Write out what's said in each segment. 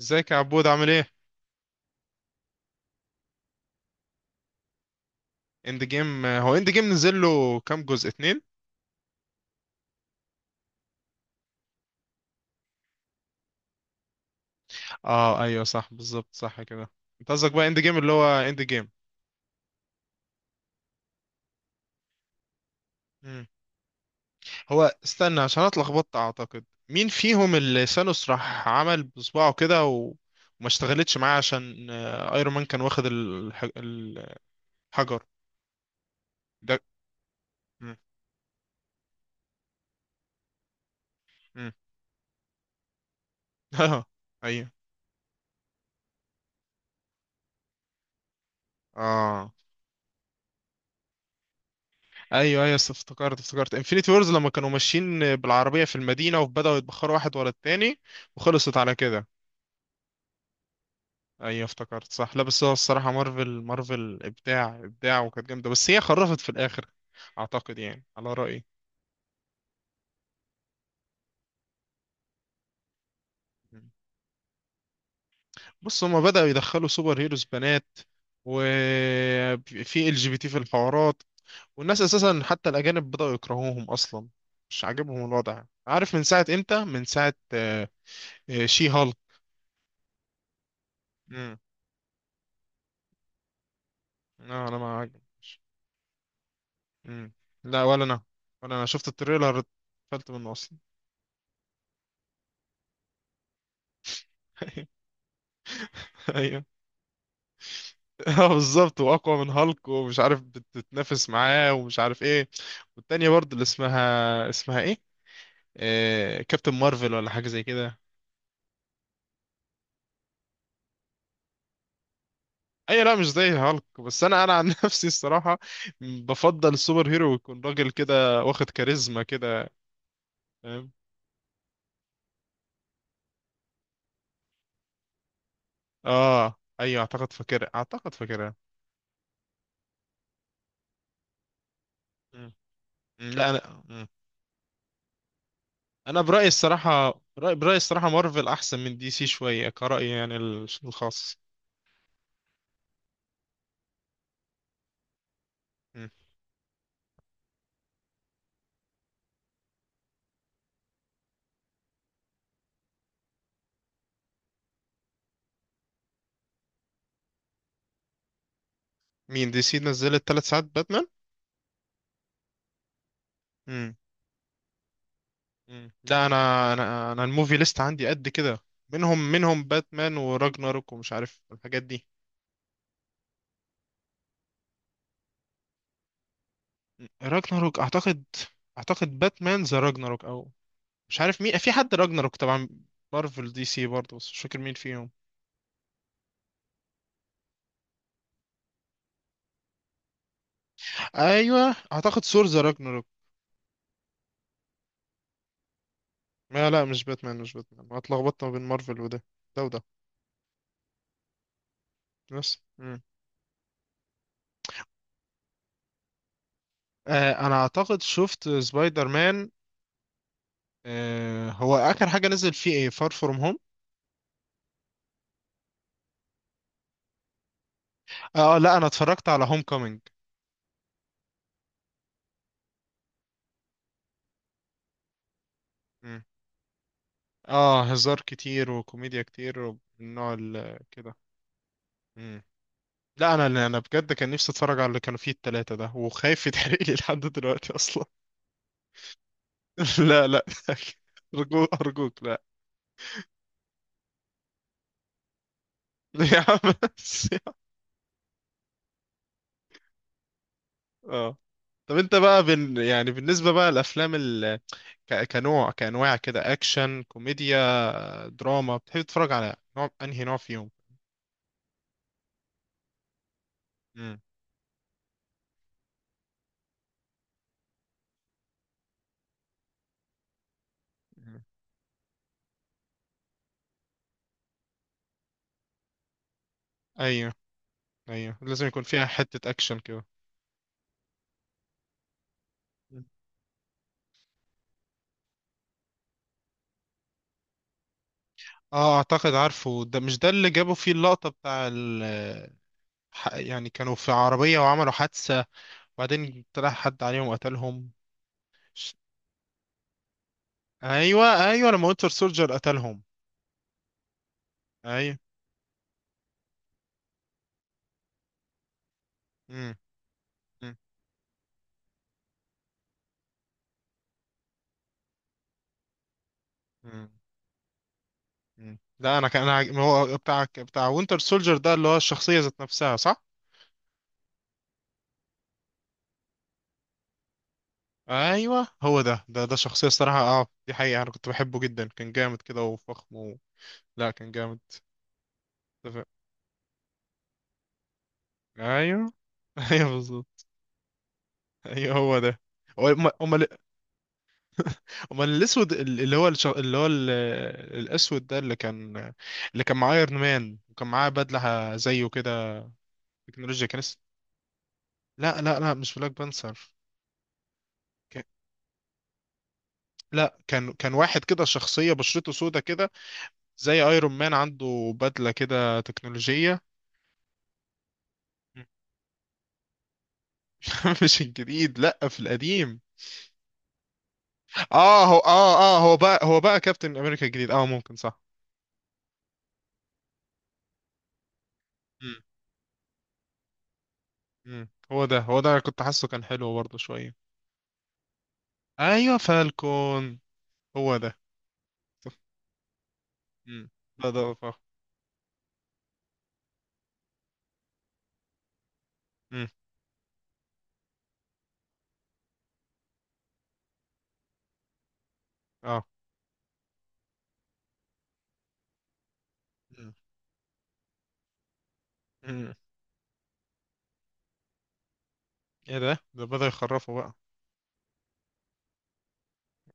ازيك يا عبود، عامل ايه؟ اند جيم، هو اند جيم نزل له كام جزء، اتنين؟ اه، ايوه صح، بالظبط، صح كده. انت قصدك بقى اند جيم اللي هو اند جيم؟ مم. هو استنى، عشان انا اتلخبطت، اعتقد مين فيهم اللي ثانوس راح عمل بصباعه كده وما اشتغلتش معاه، عشان ايرون مان كان واخد الحجر ده. مم. مم. اه، ايوه. اه، ايوه. ايوه، افتكرت انفينيتي وورز لما كانوا ماشيين بالعربيه في المدينه، وبداوا يتبخروا واحد ورا التاني، وخلصت على كده. ايوه افتكرت صح. لا بس هو الصراحة، مارفل مارفل ابداع ابداع، وكانت جامدة، بس هي خرفت في الاخر. اعتقد يعني، على رأيي. بص، هما بدأوا يدخلوا سوبر هيروز بنات، وفي LGBT في الحوارات، والناس اساسا، حتى الاجانب، بدأوا يكرهوهم اصلا. مش عاجبهم الوضع، عارف من ساعة امتى؟ من ساعة شي هالك. امم. لا، انا ما عاجبش. امم. لا، ولا انا. ولا انا شفت التريلر. اتقفلت منه اصلا. ايوه. اه، بالظبط، واقوى من هالك ومش عارف، بتتنافس معاه ومش عارف ايه. والتانية برضه، اللي اسمها ايه؟ كابتن مارفل ولا حاجة زي كده. اي، لا مش زي هالك، بس انا عن نفسي الصراحة، بفضل السوبر هيرو يكون راجل كده، واخد كاريزما كده. فاهم. اه، ايوه، اعتقد فاكرها، اعتقد فاكرها. مم. مم، لا انا، مم. انا برأيي الصراحة، برأيي الصراحة، مارفل احسن من دي سي شوية، كرأيي يعني الخاص. مم. مين دي سي نزلت 3 ساعات باتمان؟ مم. لا، انا الموفي ليست عندي قد كده. منهم باتمان وراجناروك ومش عارف الحاجات دي. مم. راجناروك اعتقد. اعتقد باتمان ذا راجناروك، او... مش عارف مين، في حد راجناروك طبعا. مارفل، دي سي برضه، بس مش فاكر مين فيهم. ايوه اعتقد ثور ذا راجناروك. لا لا، مش باتمان، مش باتمان، أنا اتلخبطت ما بين مارفل وده، ده وده. بس. مم. آه، انا اعتقد شفت سبايدر مان. آه، هو اخر حاجه نزل فيه ايه؟ فار فروم هوم؟ اه، لا انا اتفرجت على هوم كومينج. اه، هزار كتير وكوميديا كتير، والنوع كده. مم. لا، انا بجد كان نفسي اتفرج على اللي كانوا فيه التلاتة ده، وخايف يتحرق لي لحد دلوقتي اصلا. لا لا، ارجوك ارجوك، لا. يا عم بس. اه. طب انت بقى، يعني بالنسبة بقى، الافلام كنوع كانواع كده، اكشن كوميديا دراما، بتحب تتفرج على نوع، انهي نوع فيهم؟ مم. مم. ايوه. ايوه، لازم يكون فيها حتة اكشن كده. اه، اعتقد عارفه. ده، مش ده اللي جابوا فيه اللقطة بتاع يعني كانوا في عربية وعملوا حادثة، وبعدين طلع حد عليهم وقتلهم. ش- ايوه. ايوه لما وينتر سولجر قتلهم. ايوه. مم. مم. مم. مم. لا، انا كان انا عاج- هو بتاع وينتر سولجر ده، اللي هو الشخصية ذات نفسها، صح؟ ايوه هو ده، شخصية الصراحة، اه دي حقيقة، انا كنت بحبه جدا، كان جامد كده وفخم و... لا كان جامد. اتفق. ايوه. ايوه بالظبط. ايوه هو ده. هو- امال، امال الاسود. ال- اللي هو الش... اللي هو ال... الاسود ده اللي كان، اللي كان معاه ايرون مان وكان معاه بدله زيه كده، تكنولوجيا، كان لا لا لا، مش بلاك بانثر. ك... لا، كان واحد كده، شخصيه بشرته سودا كده، زي ايرون مان عنده بدله كده تكنولوجيه. مش الجديد، لا، في القديم. اه هو اه اه هو بقى هو بقى كابتن امريكا الجديد، ممكن، صح. مم. مم. هو ده، كنت حاسه كان حلو برضه شويه. ايوه فالكون، هو ده. مم. لا ده. اه. مم. اه. مم. مم. ايه ده، ده بدأ يخرفه بقى.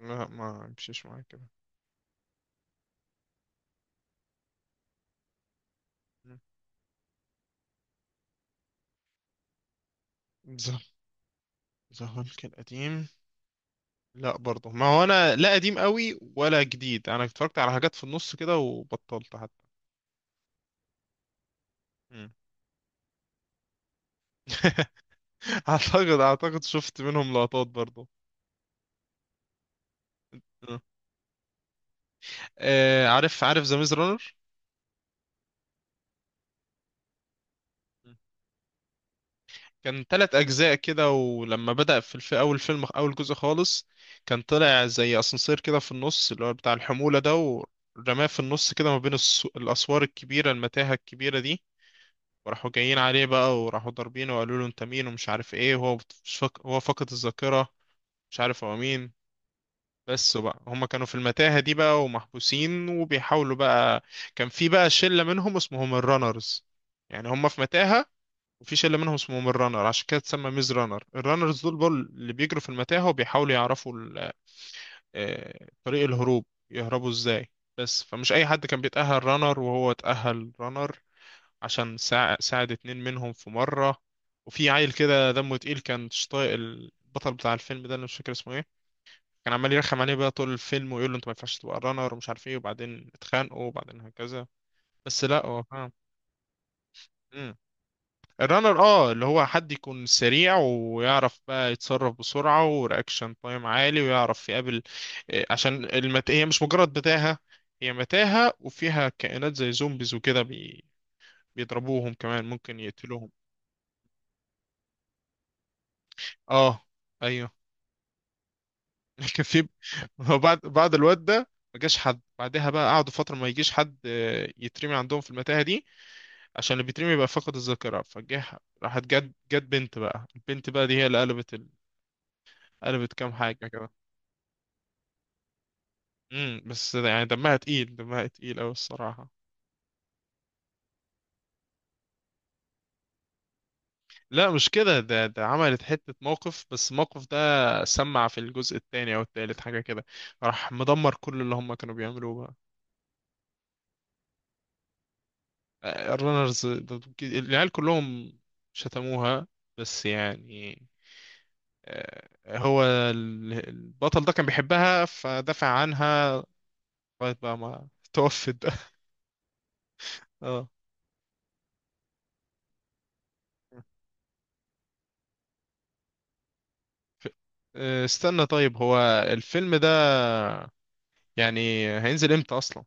لا، ما مشيش معايا كده. مم. ذا ذا هالك القديم. لا برضه، ما هو انا لا قديم قوي ولا جديد، انا اتفرجت على حاجات في النص كده، وبطلت حتى. مم. اعتقد شفت منهم لقطات برضه. آه، عارف عارف ذا ميز رانر. كان تلات أجزاء كده، ولما بدأ في أول فيلم، أول جزء خالص، كان طلع زي أسانسير كده في النص اللي هو بتاع الحمولة ده، ورماه في النص كده ما بين الأسوار الكبيرة، المتاهة الكبيرة دي. وراحوا جايين عليه بقى، وراحوا ضاربينه، وقالوا له أنت مين ومش عارف إيه، وهو بت- مش فاك... هو فقد الذاكرة، مش عارف هو مين. بس بقى، هما كانوا في المتاهة دي بقى، ومحبوسين وبيحاولوا بقى. كان في بقى شلة منهم اسمهم الرانرز، يعني هما في متاهة، وفي شله منهم اسمهم الرانر، عشان كده اتسمى ميز رانر. الرانرز دول بول اللي بيجروا في المتاهه وبيحاولوا يعرفوا طريق الهروب، يهربوا ازاي. بس فمش اي حد كان بيتاهل رانر، وهو اتاهل رانر عشان ساعد اتنين منهم في مره. وفي عيل كده دمه تقيل، كان مش طايق البطل بتاع الفيلم ده، انا مش فاكر اسمه ايه، كان عمال يرخم عليه بقى طول الفيلم، ويقول له انت ما ينفعش تبقى رانر ومش عارف ايه، وبعدين اتخانقوا، وبعدين هكذا. بس، لا هو فاهم. الرانر، اللي هو حد يكون سريع ويعرف بقى يتصرف بسرعة، ورياكشن تايم عالي، ويعرف يقابل عشان هي مش مجرد متاهة، هي متاهة وفيها كائنات زي زومبيز وكده، بيضربوهم كمان، ممكن يقتلوهم. اه. ايوه. كان في... هو بعد الواد ده، ما جاش حد بعدها بقى، قعدوا فترة ما يجيش حد يترمي عندهم في المتاهة دي، عشان اللي بيترمي يبقى فقد الذاكرة فجه. راحت جت بنت بقى، البنت بقى دي هي اللي قلبت قلبت كام حاجة. امم. بس يعني دمها تقيل، دمها تقيل أوي الصراحة. لا مش كده، ده عملت حتة موقف، بس الموقف ده، سمع في الجزء التاني أو التالت حاجة كده، راح مدمر كل اللي هم كانوا بيعملوه بقى. الرنرز العيال كلهم شتموها، بس يعني، هو البطل ده كان بيحبها فدافع عنها، لغاية بقى ما توفت بقى. اه. ف- استنى طيب، هو الفيلم ده يعني هينزل امتى أصلا؟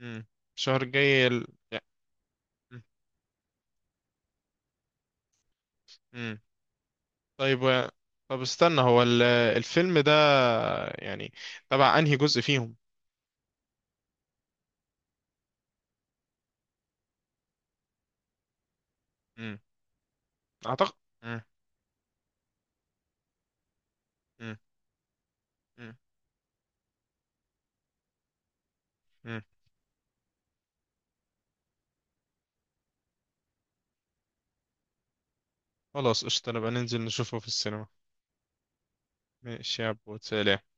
امم. الشهر الجاي مم. مم. طيب، طب استنى، هو الفيلم ده، يعني تبع انهي جزء فيهم؟ امم. اعتقد. امم. امم. امم. خلاص قشطة، نبقى ننزل نشوفه في السينما. ماشي يا عبود، سلام.